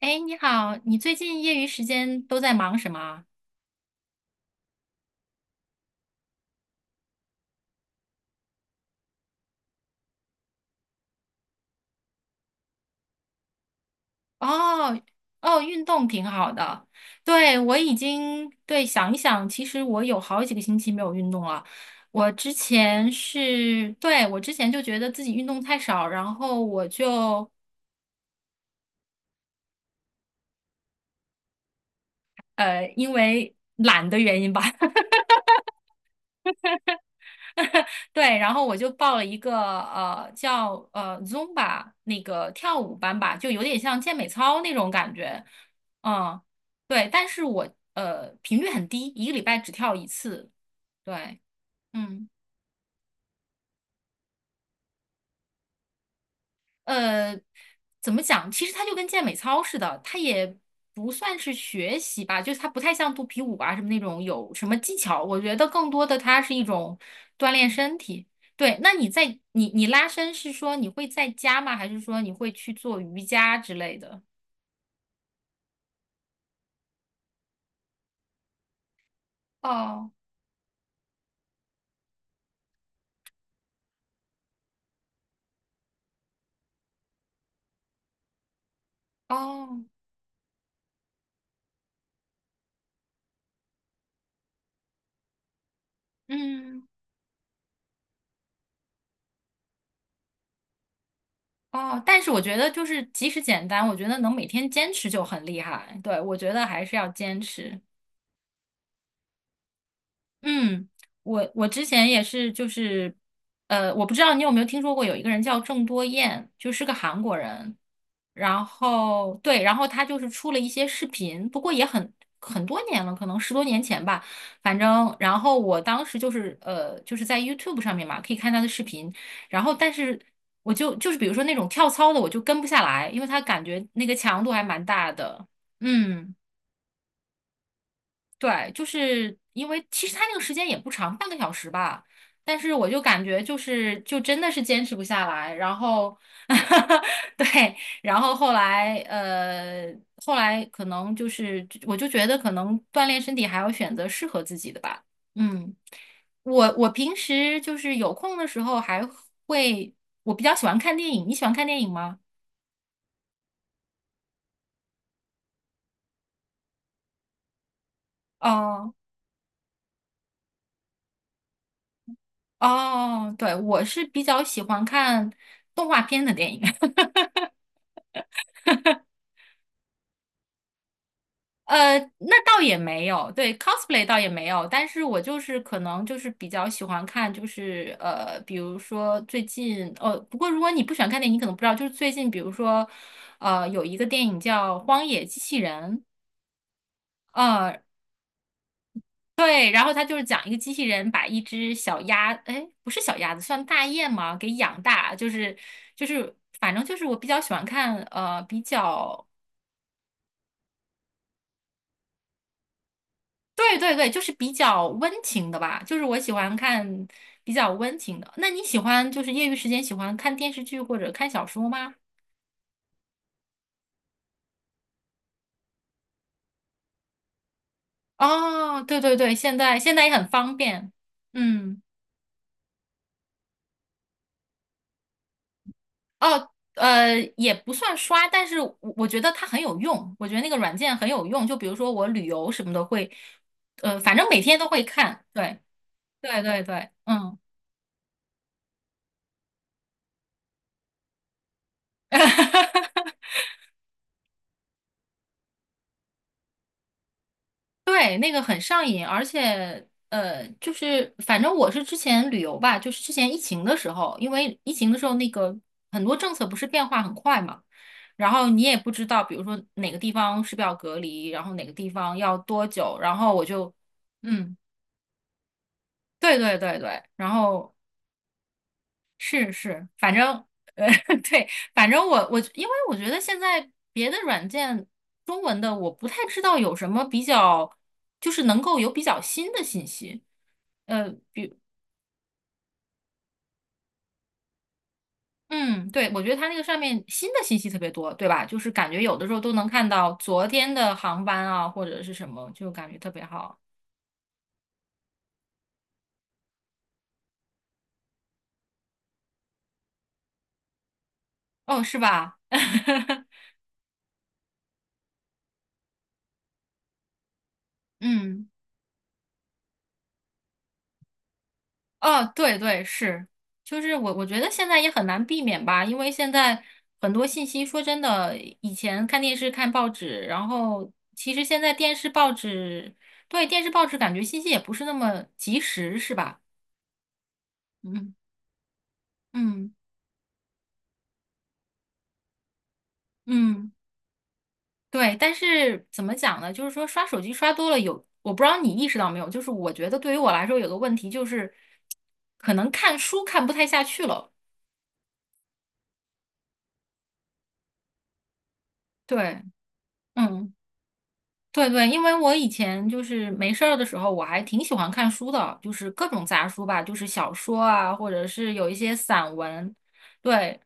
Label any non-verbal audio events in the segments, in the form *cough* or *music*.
哎，你好，你最近业余时间都在忙什么啊？哦哦，运动挺好的。对，我已经，对，想一想，其实我有好几个星期没有运动了。我之前是，对，我之前就觉得自己运动太少，然后我就因为懒的原因吧。*laughs* 对，然后我就报了一个叫 Zumba 那个跳舞班吧，就有点像健美操那种感觉。嗯，对，但是我频率很低，一个礼拜只跳一次。对，嗯。呃，怎么讲？其实它就跟健美操似的，它也不算是学习吧，就是它不太像肚皮舞啊什么那种有什么技巧。我觉得更多的它是一种锻炼身体。对，那你在你拉伸是说你会在家吗？还是说你会去做瑜伽之类的？哦哦，嗯哦，但是我觉得就是即使简单，我觉得能每天坚持就很厉害。对，我觉得还是要坚持。嗯，我之前也是，就是，我不知道你有没有听说过，有一个人叫郑多燕，就是个韩国人。然后对，然后他就是出了一些视频，不过也很多年了，可能10多年前吧。反正，然后我当时就是就是在 YouTube 上面嘛，可以看他的视频。然后，但是我就是比如说那种跳操的，我就跟不下来，因为他感觉那个强度还蛮大的。嗯。对，就是因为其实他那个时间也不长，半个小时吧，但是我就感觉就是真的是坚持不下来，然后 *laughs* 对，然后后来可能就是我就觉得可能锻炼身体还要选择适合自己的吧。嗯，我平时就是有空的时候还会，我比较喜欢看电影，你喜欢看电影吗？哦哦，对，我是比较喜欢看动画片的电影。*laughs* 那倒也没有，对 cosplay 倒也没有，但是我就是可能就是比较喜欢看，就是比如说最近，不过如果你不喜欢看电影，你可能不知道，就是最近，比如说，有一个电影叫《荒野机器人》。呃，对，然后它就是讲一个机器人把一只小鸭，哎，不是小鸭子，算大雁吗？给养大，就是，反正就是我比较喜欢看，比较。对对对，就是比较温情的吧，就是我喜欢看比较温情的。那你喜欢就是业余时间喜欢看电视剧或者看小说吗？哦，对对对，现在也很方便。嗯，也不算刷，但是我觉得它很有用，我觉得那个软件很有用，就比如说我旅游什么的会，反正每天都会看。对对对对，嗯。*laughs* 对，那个很上瘾，而且就是反正我是之前旅游吧，就是之前疫情的时候，因为疫情的时候那个很多政策不是变化很快嘛，然后你也不知道，比如说哪个地方是不是要隔离，然后哪个地方要多久，然后我就嗯，对对对对，然后是是，反正呃 *laughs* 对，反正我因为我觉得现在别的软件中文的我不太知道有什么比较，就是能够有比较新的信息。呃，比嗯，对，我觉得它那个上面新的信息特别多，对吧？就是感觉有的时候都能看到昨天的航班啊，或者是什么，就感觉特别好。哦，是吧？*laughs* 嗯，哦，对对是，就是我觉得现在也很难避免吧，因为现在很多信息，说真的，以前看电视、看报纸，然后其实现在电视、报纸，对，电视、报纸感觉信息也不是那么及时，是吧？嗯嗯嗯。对，但是怎么讲呢？就是说刷手机刷多了有，我不知道你意识到没有，就是我觉得对于我来说有个问题就是，可能看书看不太下去了。对，嗯，对对，因为我以前就是没事儿的时候，我还挺喜欢看书的，就是各种杂书吧，就是小说啊，或者是有一些散文。对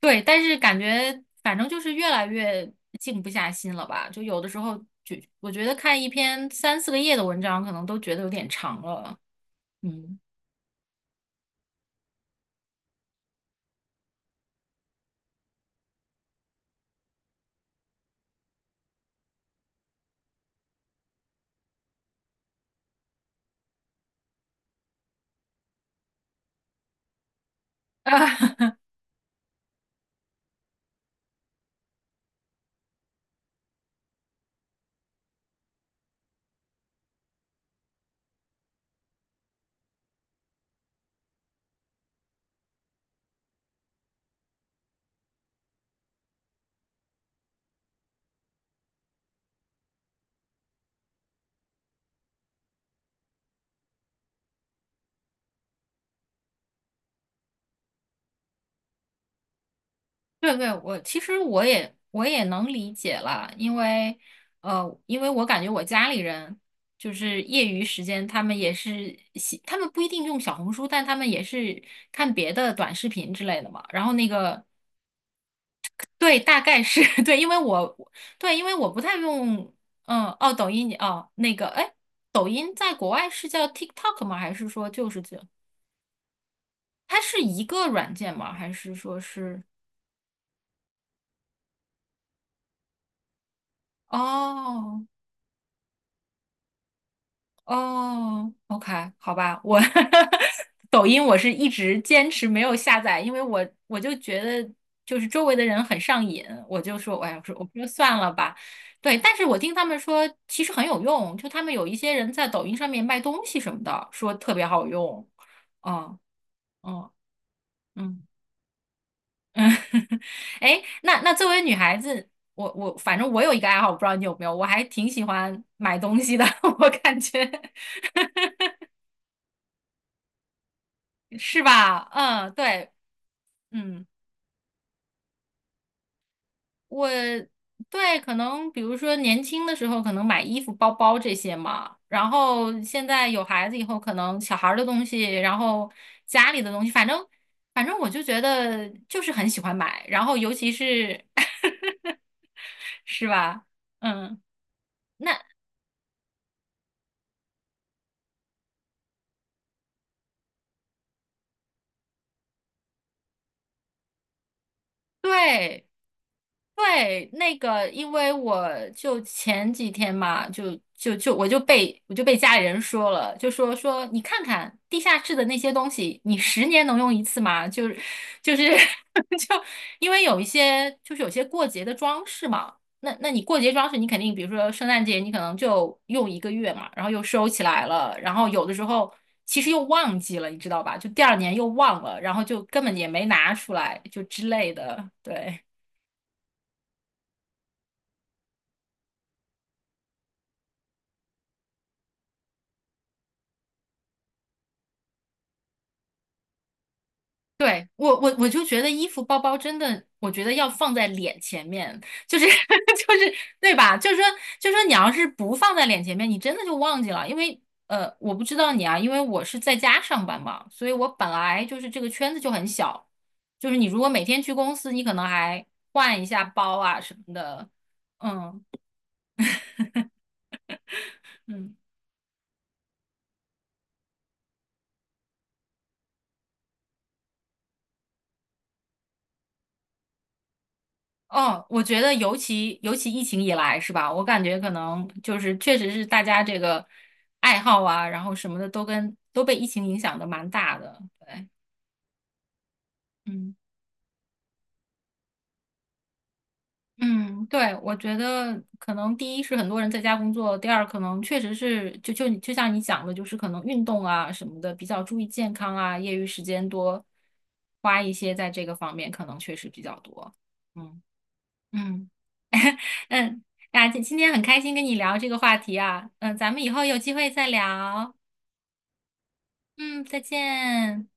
对，但是感觉反正就是越来越静不下心了吧，就有的时候就我觉得看一篇三四个页的文章，可能都觉得有点长了。嗯啊，*laughs* 对对，我其实我也能理解了，因为因为我感觉我家里人就是业余时间，他们也是喜，他们不一定用小红书，但他们也是看别的短视频之类的嘛。然后那个对，大概是 *laughs* 对，因为我对，因为我不太用。嗯，哦，抖音哦，那个哎，抖音在国外是叫 TikTok 吗？还是说就是这？它是一个软件吗？还是说是？哦哦，OK,好吧，我 *laughs* 抖音我是一直坚持没有下载，因为我就觉得就是周围的人很上瘾，我就说，哎呀，我说算了吧。对，但是我听他们说其实很有用，就他们有一些人在抖音上面卖东西什么的，说特别好用。哦，哦，嗯嗯。*laughs* 哎那作为女孩子，我反正我有一个爱好，我不知道你有没有，我还挺喜欢买东西的，*laughs* 我感觉。是吧？嗯，对，嗯，我对可能比如说年轻的时候可能买衣服、包包这些嘛，然后现在有孩子以后，可能小孩儿的东西，然后家里的东西，反正我就觉得就是很喜欢买，然后尤其是 *laughs* 是吧？嗯，那对。对，那个，因为我就前几天嘛，就我就被家里人说了，就说你看看地下室的那些东西，你10年能用一次吗？就是就是 *laughs* 就因为有一些就是有些过节的装饰嘛，那你过节装饰你肯定，比如说圣诞节你可能就用一个月嘛，然后又收起来了，然后有的时候其实又忘记了，你知道吧？就第二年又忘了，然后就根本也没拿出来，就之类的，对。对，我就觉得衣服包包真的，我觉得要放在脸前面，就是 *laughs* 就是对吧？就是说你要是不放在脸前面，你真的就忘记了，因为我不知道你啊，因为我是在家上班嘛，所以我本来就是这个圈子就很小，就是你如果每天去公司，你可能还换一下包啊什么的，嗯嗯。哦，我觉得尤其疫情以来是吧？我感觉可能就是确实是大家这个爱好啊，然后什么的都跟都被疫情影响的蛮大的。对，嗯嗯，对，我觉得可能第一是很多人在家工作，第二可能确实是就像你讲的，就是可能运动啊什么的比较注意健康啊，业余时间多花一些在这个方面，可能确实比较多。嗯嗯。嗯，啊，今天很开心跟你聊这个话题啊，嗯，咱们以后有机会再聊，嗯，再见。